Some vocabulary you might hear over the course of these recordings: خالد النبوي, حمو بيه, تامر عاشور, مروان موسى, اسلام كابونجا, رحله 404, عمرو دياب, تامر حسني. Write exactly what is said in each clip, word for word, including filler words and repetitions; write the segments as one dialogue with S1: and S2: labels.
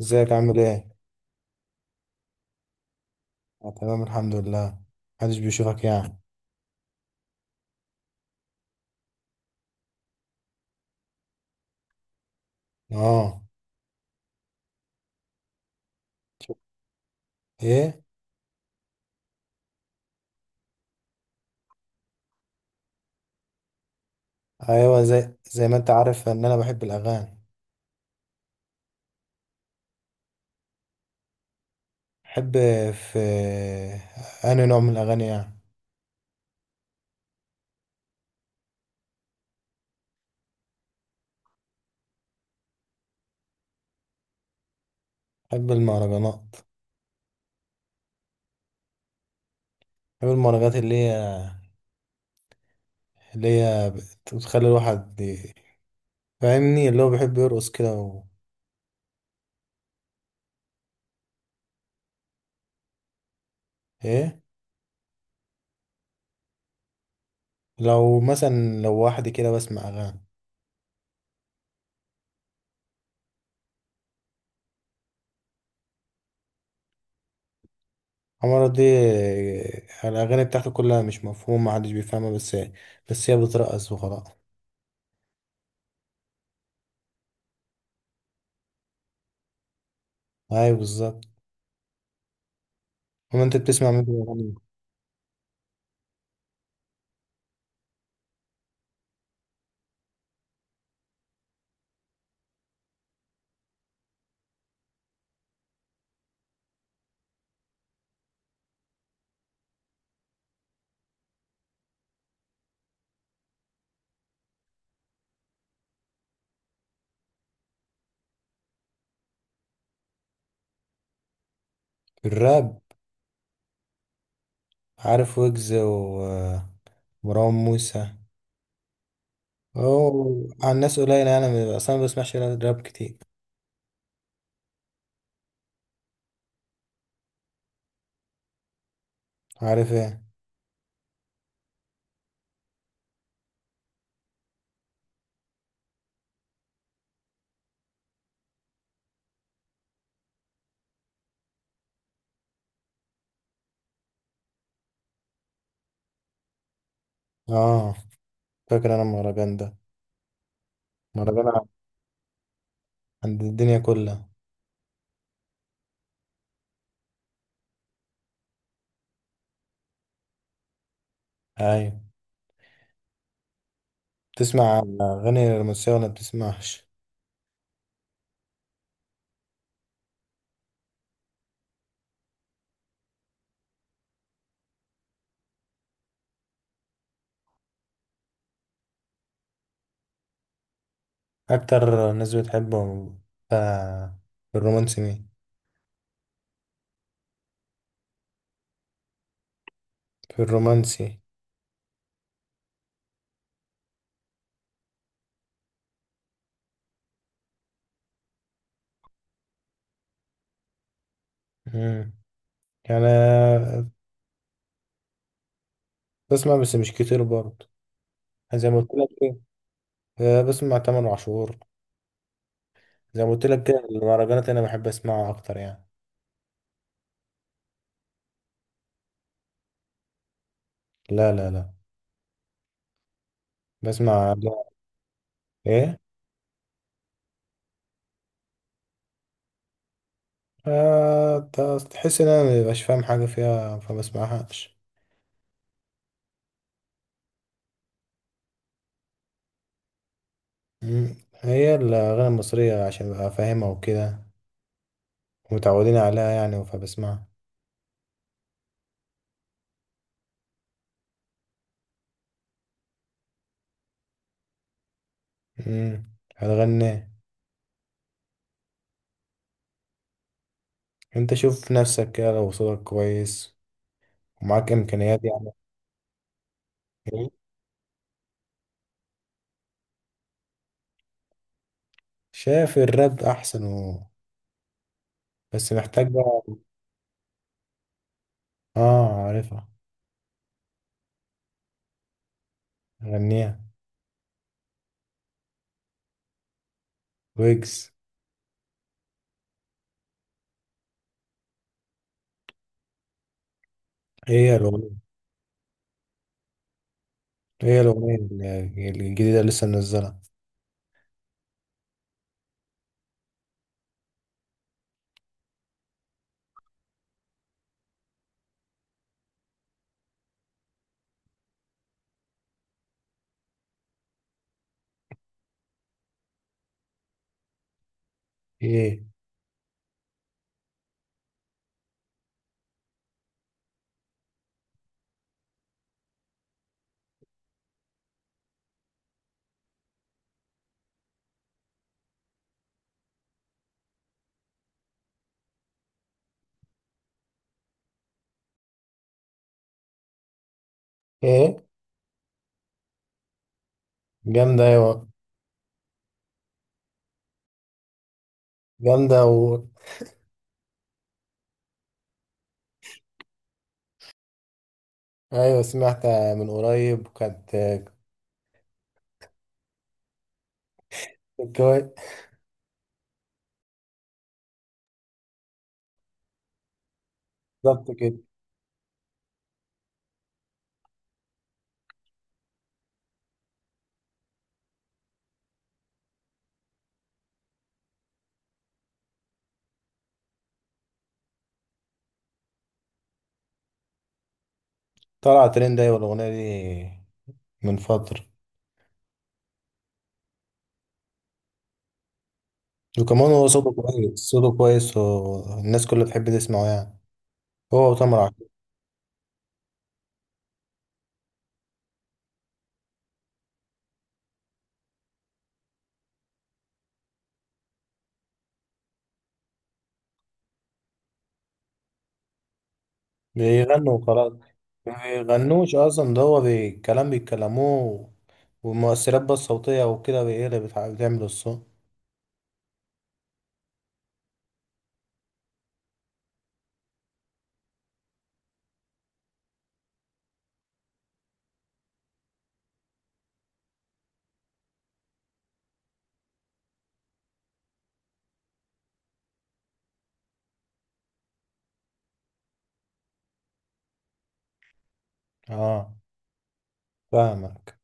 S1: ازيك عامل ايه؟ أنا تمام الحمد لله. محدش بيشوفك يعني. اه. ايه؟ ايوه، زي زي ما انت عارف ان انا بحب الاغاني. بحب. في. انهي نوع من الاغاني يعني؟ بحب المهرجانات. بحب المهرجانات اللي هي اللي هي بتخلي الواحد ي- فاهمني اللي هو بيحب يرقص كده و... ايه؟ لو مثلا لو واحد كده بسمع اغاني. عمرو دي. الاغاني بتاعته كلها مش مفهومه محدش بيفهمها، بس بس هي بترقص وخلاص. ايوه، بالظبط. وما انت بتسمع مين بيغني في الراب؟ عارف ويجز و- ومروان موسى. اوه، على الناس قليلة يعني. ما- اصلا ما بسمعش راب كتير. عارف ايه؟ اه. فاكر انا المهرجان ده. مهرجان ع- عند الدنيا كلها. ايوه. بتسمع اغاني رومانسية ولا بتسمعش؟ اكتر ناس بتحبهم ف- في الرومانسي مين؟ في الرومانسي. امم يعني بسمع، بس مش كتير برضه، زي ما قلت لك. آه، بسمع تامر عاشور. زي ما قلت لك كده المهرجانات انا بحب اسمعها اكتر يعني. لا، لا، لا. بسمع لا. ايه؟ آه ت- تحس ان انا مبقاش فاهم حاجه فيها فبسمعهاش. مم. هي الاغاني المصريه عشان ابقى فاهمها وكده، متعودين عليها يعني فبسمعها. امم هتغني؟ انت شوف نفسك كده لو صوتك كويس ومعاك امكانيات يعني. إيه؟ شايف الراب احسن و... بس محتاج بقى. اه. عارفها. غنيها. ويجز. ايه يا الأغنية؟ هي الأغنية ال- الجديدة اللي لسه منزلها، ايه؟ ايه؟ جامدة ايوه. جامدة و... ايوه سمعتها من قريب، وكانت كانت كويس. بالظبط كده. طلع ترند، ايوه، الأغنية دي من فترة. وكمان هو صوته كويس، صوته كويس، والناس كلها بتحب تسمعه يعني. هو وتامر عاشور. بيغنوا وخلاص. ما بيغنوش أصلا، ده هو بي- كلام بيتكلموه. والمؤثرات بقى الصوتية وكده هي اللي بتع- بتعمل الصوت. اه. فاهمك.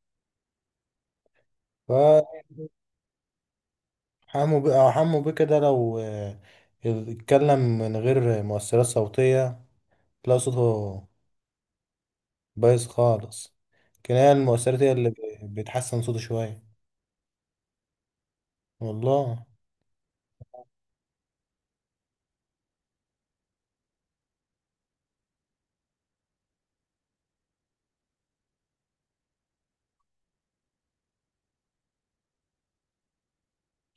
S1: حمو بيه، اه. حمو بيه كده لو آه، اتكلم من غير مؤثرات صوتية. تلاقي صوته بايظ خالص. كناية المؤثرات هي اللي ب- بتحسن صوته شوية. والله.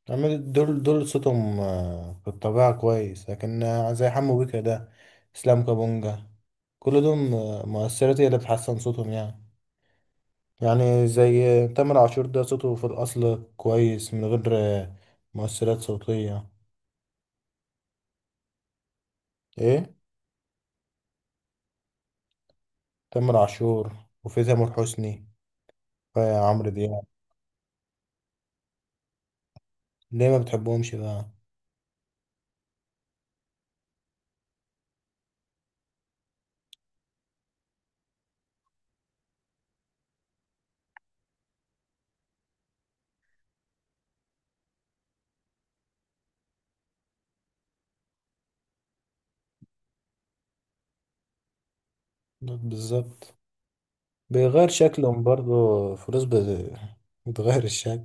S1: عمال دول دول صوتهم آه، في الطبيعة كويس، لكن آه، زي حمو بيه كده. اسلام كابونجا، كل دول آه، مؤثرات هي اللي بتحسن صوتهم يعني. يعني زي آه، تامر عاشور ده صوته في الأصل كويس من غير آه، مؤثرات صوتية. ايه؟ تامر عاشور، وفي تامر حسني، في عمرو دياب. ليه ما بتحبهمش بقى؟ بالظبط، بيغير شكلهم برضو. فلوس بت- بتغير الشكل.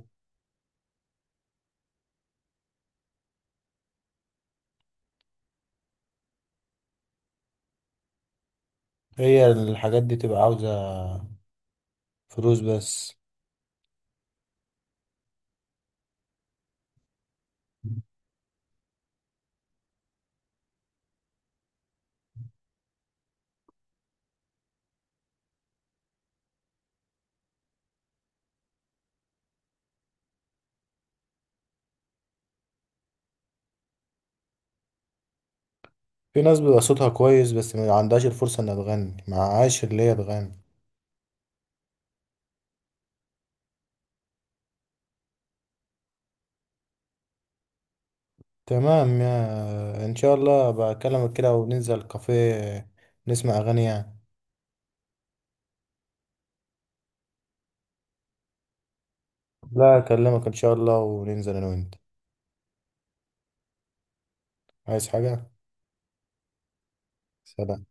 S1: هي الحاجات دي تبقى عاوزة فلوس بس. في ناس بيبقى صوتها كويس، بس ما عندهاش الفرصة انها تغني معهاش اللي هي تغني. تمام. يا ان شاء الله بكلمك كده وننزل كافيه نسمع اغاني يعني. لا، اكلمك ان شاء الله وننزل انا وانت. عايز حاجة؟ سلام.